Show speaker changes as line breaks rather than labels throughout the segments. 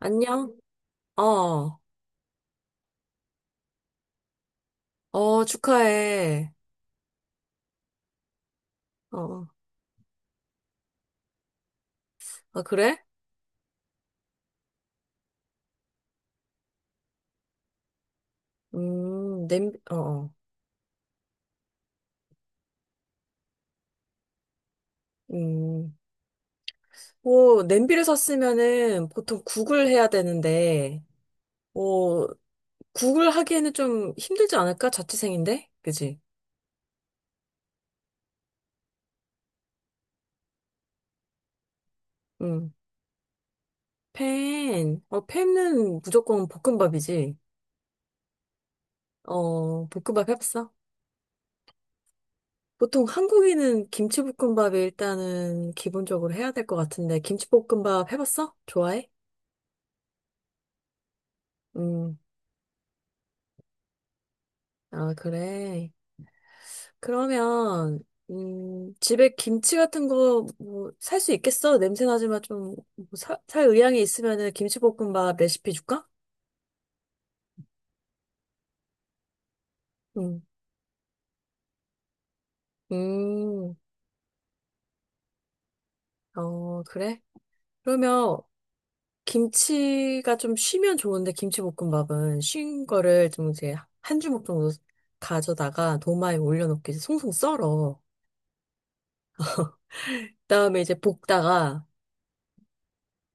안녕? 어, 어, 축하해. 어, 어. 아, 그래? 냄비, 어, 어. 음, 뭐, 냄비를 샀으면은 보통 국을 해야 되는데, 뭐, 국을 하기에는 좀 힘들지 않을까? 자취생인데? 그지? 음, 팬, 어, 팬은 무조건 볶음밥이지. 어, 볶음밥 해봤어? 보통 한국인은 김치볶음밥이 일단은 기본적으로 해야 될 것 같은데, 김치볶음밥 해봤어? 좋아해? 음, 아, 그래. 그러면, 집에 김치 같은 거, 뭐, 살 수 있겠어? 냄새 나지만 좀, 뭐 살 의향이 있으면은 김치볶음밥 레시피 줄까? 응. 음, 어, 그래? 그러면, 김치가 좀 쉬면 좋은데, 김치볶음밥은 쉰 거를 좀 이제 한 주먹 정도 가져다가 도마에 올려놓고 이제 송송 썰어. 그다음에 이제 볶다가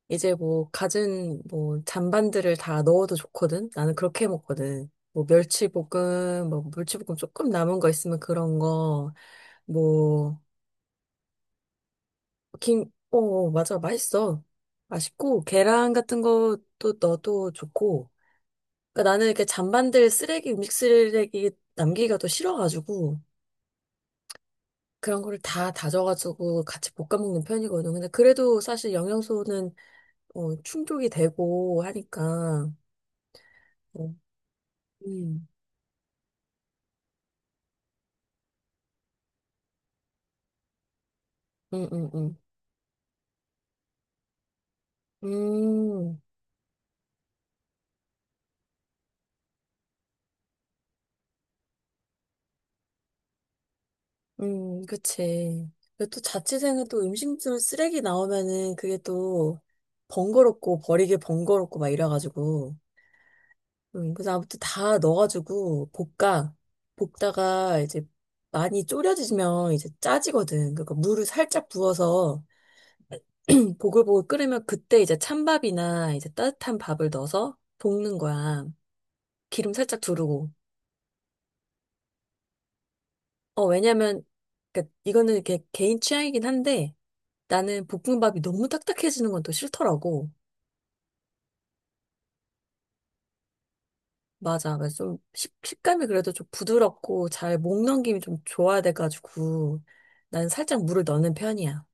이제 뭐 갖은 뭐 잔반들을 다 넣어도 좋거든. 나는 그렇게 해 먹거든. 뭐 멸치볶음, 뭐 물치볶음 조금 남은 거 있으면 그런 거, 뭐 김, 어, 맞아 맛있어. 맛있고 계란 같은 것도 넣어도 좋고. 그러니까 나는 이렇게 잔반들 쓰레기 음식 쓰레기 남기기가 또 싫어가지고 그런 거를 다 다져가지고 같이 볶아 먹는 편이거든. 근데 그래도 사실 영양소는 어, 충족이 되고 하니까. 어, 음. 응응응. 음, 그치. 그리고 또 자취생은 또 음식물 쓰레기 나오면은 그게 또 번거롭고 버리기 번거롭고 막 이래가지고. 그래서 아무튼 다 넣어가지고 볶아. 볶다가 이제 많이 졸여지면 이제 짜지거든. 그러니까 물을 살짝 부어서 보글보글 끓으면 그때 이제 찬밥이나 이제 따뜻한 밥을 넣어서 볶는 거야. 기름 살짝 두르고. 어, 왜냐면, 그니까 이거는 이렇게 개인 취향이긴 한데, 나는 볶음밥이 너무 딱딱해지는 건 또 싫더라고. 맞아. 그래서 좀 식감이 그래도 좀 부드럽고 잘 목 넘김이 좀 좋아야 돼가지고 나는 살짝 물을 넣는 편이야.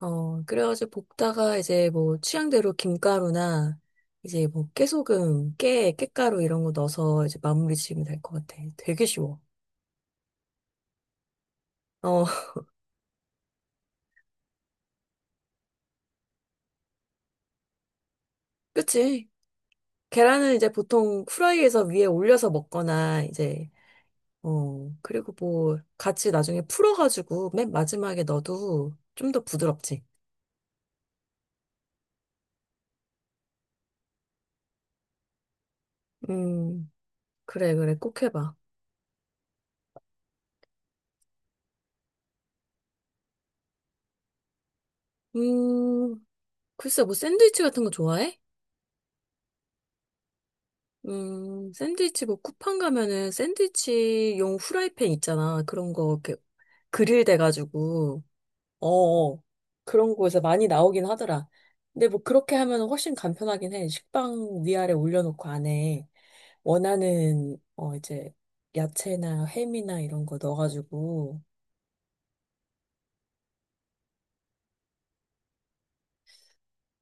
어, 그래가지고 볶다가 이제 뭐 취향대로 김가루나 이제 뭐 깨소금, 깻가루 이런 거 넣어서 이제 마무리 지으면 될 것 같아. 되게 쉬워. 어, 그치? 계란은 이제 보통 후라이에서 위에 올려서 먹거나 이제 어, 그리고 뭐, 같이 나중에 풀어가지고 맨 마지막에 넣어도 좀 더 부드럽지. 음, 그래, 그래, 꼭 해봐. 음, 글쎄, 뭐, 샌드위치 같은 거 좋아해? 샌드위치 뭐, 쿠팡 가면은 샌드위치용 후라이팬 있잖아. 그런 거, 이렇게, 그릴 돼가지고, 어, 어. 그런 거에서 많이 나오긴 하더라. 근데 뭐, 그렇게 하면 훨씬 간편하긴 해. 식빵 위아래 올려놓고 안에. 원하는 어 이제 야채나 햄이나 이런 거 넣어가지고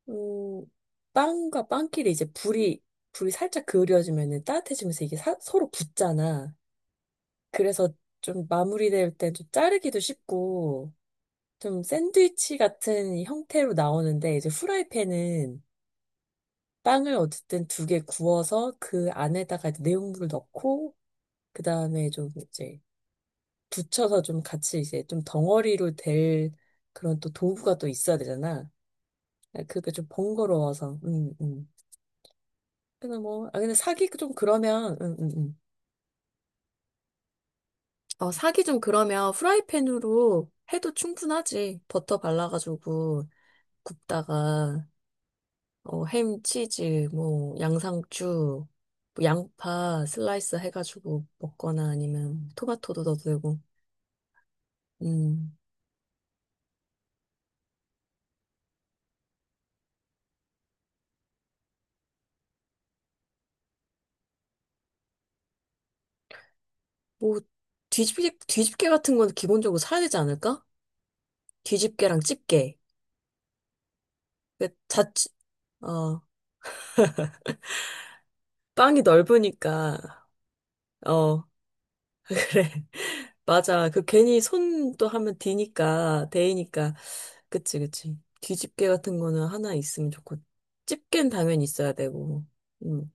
음 빵과 빵끼리 이제 불이 살짝 그을려지면은 따뜻해지면서 이게 서로 붙잖아. 그래서 좀 마무리될 때 좀 자르기도 쉽고 좀 샌드위치 같은 형태로 나오는데 이제 후라이팬은 빵을 어쨌든 두 개 구워서 그 안에다가 이제 내용물을 넣고 그다음에 좀 이제 붙여서 좀 같이 이제 좀 덩어리로 될 그런 또 도구가 또 있어야 되잖아. 그게 좀 번거로워서. 그래서 뭐, 아, 근데 사기 좀 그러면, 어, 사기 좀 그러면 후라이팬으로 해도 충분하지. 버터 발라가지고 굽다가, 어, 햄, 치즈, 뭐, 양상추, 뭐 양파 슬라이스 해가지고 먹거나 아니면 토마토도 넣어도 되고, 음. 뭐, 뒤집개 같은 건 기본적으로 사야 되지 않을까? 뒤집개랑 집게 그자 어, 빵이 넓으니까, 어, 그래. 맞아. 그 괜히 손도 하면 디니까, 데이니까. 그치, 그치. 뒤집개 같은 거는 하나 있으면 좋고, 집게는 당연히 있어야 되고, 음.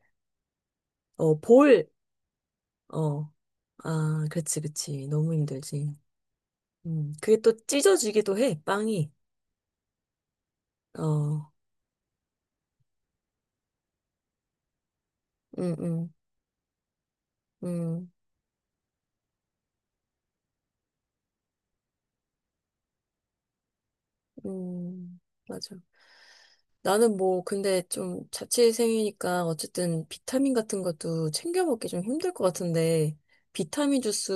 어, 볼, 어, 아, 그치, 그치. 너무 힘들지. 음. 그게 또 찢어지기도 해, 빵이. 어, 음, 음, 음, 음, 맞아. 나는 뭐, 근데 좀 자취생이니까 어쨌든 비타민 같은 것도 챙겨 먹기 좀 힘들 것 같은데, 비타민 주스,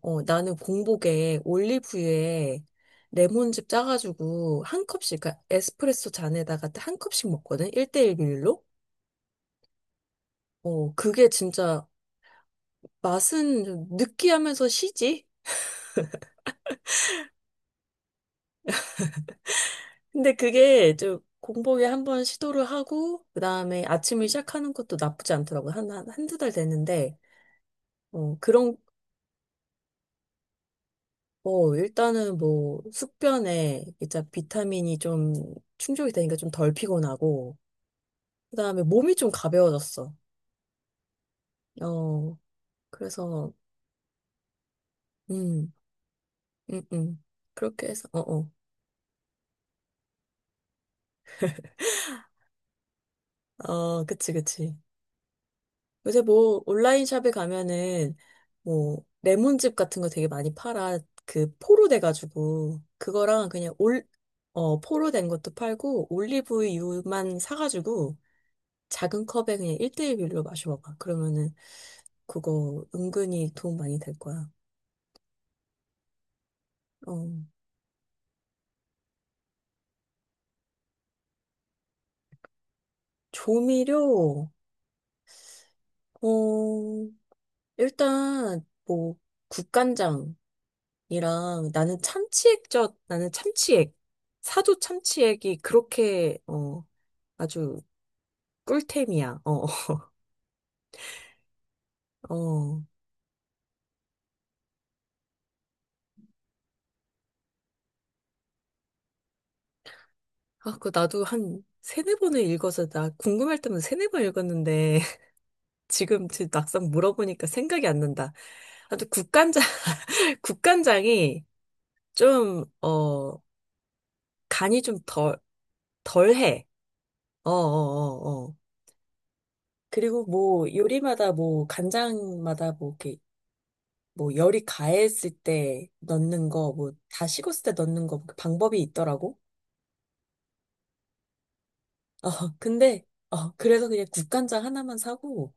어, 나는 공복에 올리브유에 레몬즙 짜가지고 한 컵씩, 그러니까 에스프레소 잔에다가 한 컵씩 먹거든? 1대1 비율로? 어, 그게 진짜 맛은 좀 느끼하면서 시지? 근데 그게 좀 공복에 한번 시도를 하고, 그 다음에 아침을 시작하는 것도 나쁘지 않더라고. 한두 달 됐는데, 어, 그런 뭐, 일단은 뭐, 숙변에 이제 비타민이 좀 충족이 되니까 좀 덜 피곤하고, 그 다음에 몸이 좀 가벼워졌어. 어, 그래서, 음, 음, 음. 그렇게 해서, 어, 어. 어, 그치, 그치. 요새 뭐, 온라인 샵에 가면은, 뭐, 레몬즙 같은 거 되게 많이 팔아. 그, 포로 돼가지고, 그거랑 그냥 올, 어, 포로 된 것도 팔고, 올리브유만 사가지고, 작은 컵에 그냥 1대1 비율로 마셔봐봐. 그러면은, 그거 은근히 도움 많이 될 거야. 어, 조미료, 어, 일단, 뭐, 국간장이랑 나는 참치액젓, 나는 참치액, 사조 참치액이 그렇게, 어, 아주 꿀템이야. 어, 어. 아, 그 나도 한 세네 번을 읽어서 나 궁금할 때면 세네 번 읽었는데 지금 막상 물어보니까 생각이 안 난다. 아무튼 국간장, 국간장이 좀, 어, 간이 좀 덜, 덜해. 어, 어, 어, 어. 그리고 뭐 요리마다 뭐 간장마다 뭐 이렇게 뭐 열이 가했을 때 넣는 거, 뭐 다 식었을 때 넣는 거그 방법이 있더라고. 어, 근데 어, 그래서 그냥 국간장 하나만 사고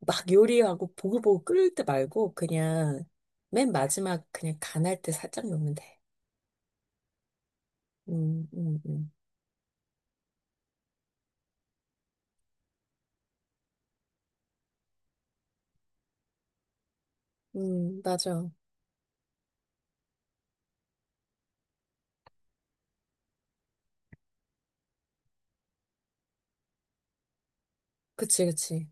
막 요리하고 보글보글 끓일 때 말고 그냥 맨 마지막 그냥 간할 때 살짝 넣으면 돼. 음, 음, 음. 맞아. 그치, 그치.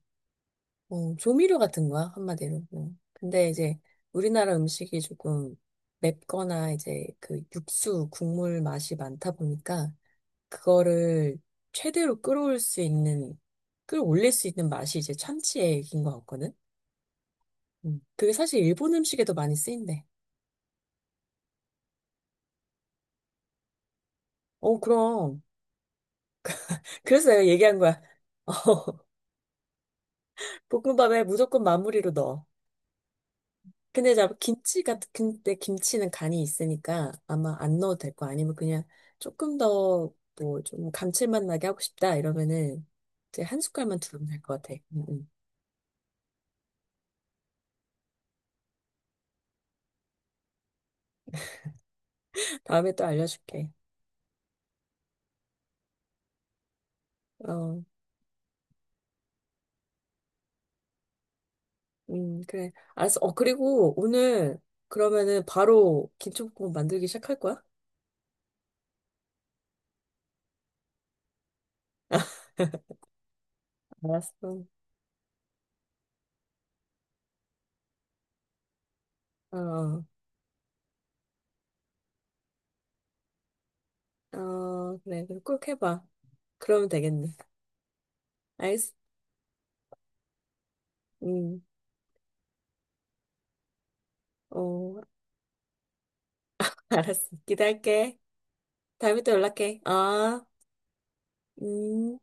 어, 조미료 같은 거야, 한마디로. 어. 근데 이제 우리나라 음식이 조금 맵거나 이제 그 육수, 국물 맛이 많다 보니까 그거를 최대로 끌어올 수 있는, 끌어올릴 수 있는 맛이 이제 참치액인 것 같거든? 음. 그게 사실 일본 음식에도 많이 쓰인대. 어, 그럼. 그래서 내가 얘기한 거야. 볶음밥에 무조건 마무리로 넣어. 근데 나 김치 같은, 근데 김치는 간이 있으니까 아마 안 넣어도 될 거 아니면 그냥 조금 더 뭐 좀 감칠맛 나게 하고 싶다 이러면은 이제 한 숟갈만 두르면 될 것 같아. 다음에 또 알려줄게. 어, 그래. 알았어. 어, 그리고 오늘 그러면은 바로 김치볶음 만들기 시작할 거야? 알았어. 어, 어, 그래. 그럼 꼭 해봐. 그러면 되겠네. 알겠어. 음, 어, 알았어. 기대할게. 다음에 또 연락해. 아. 음.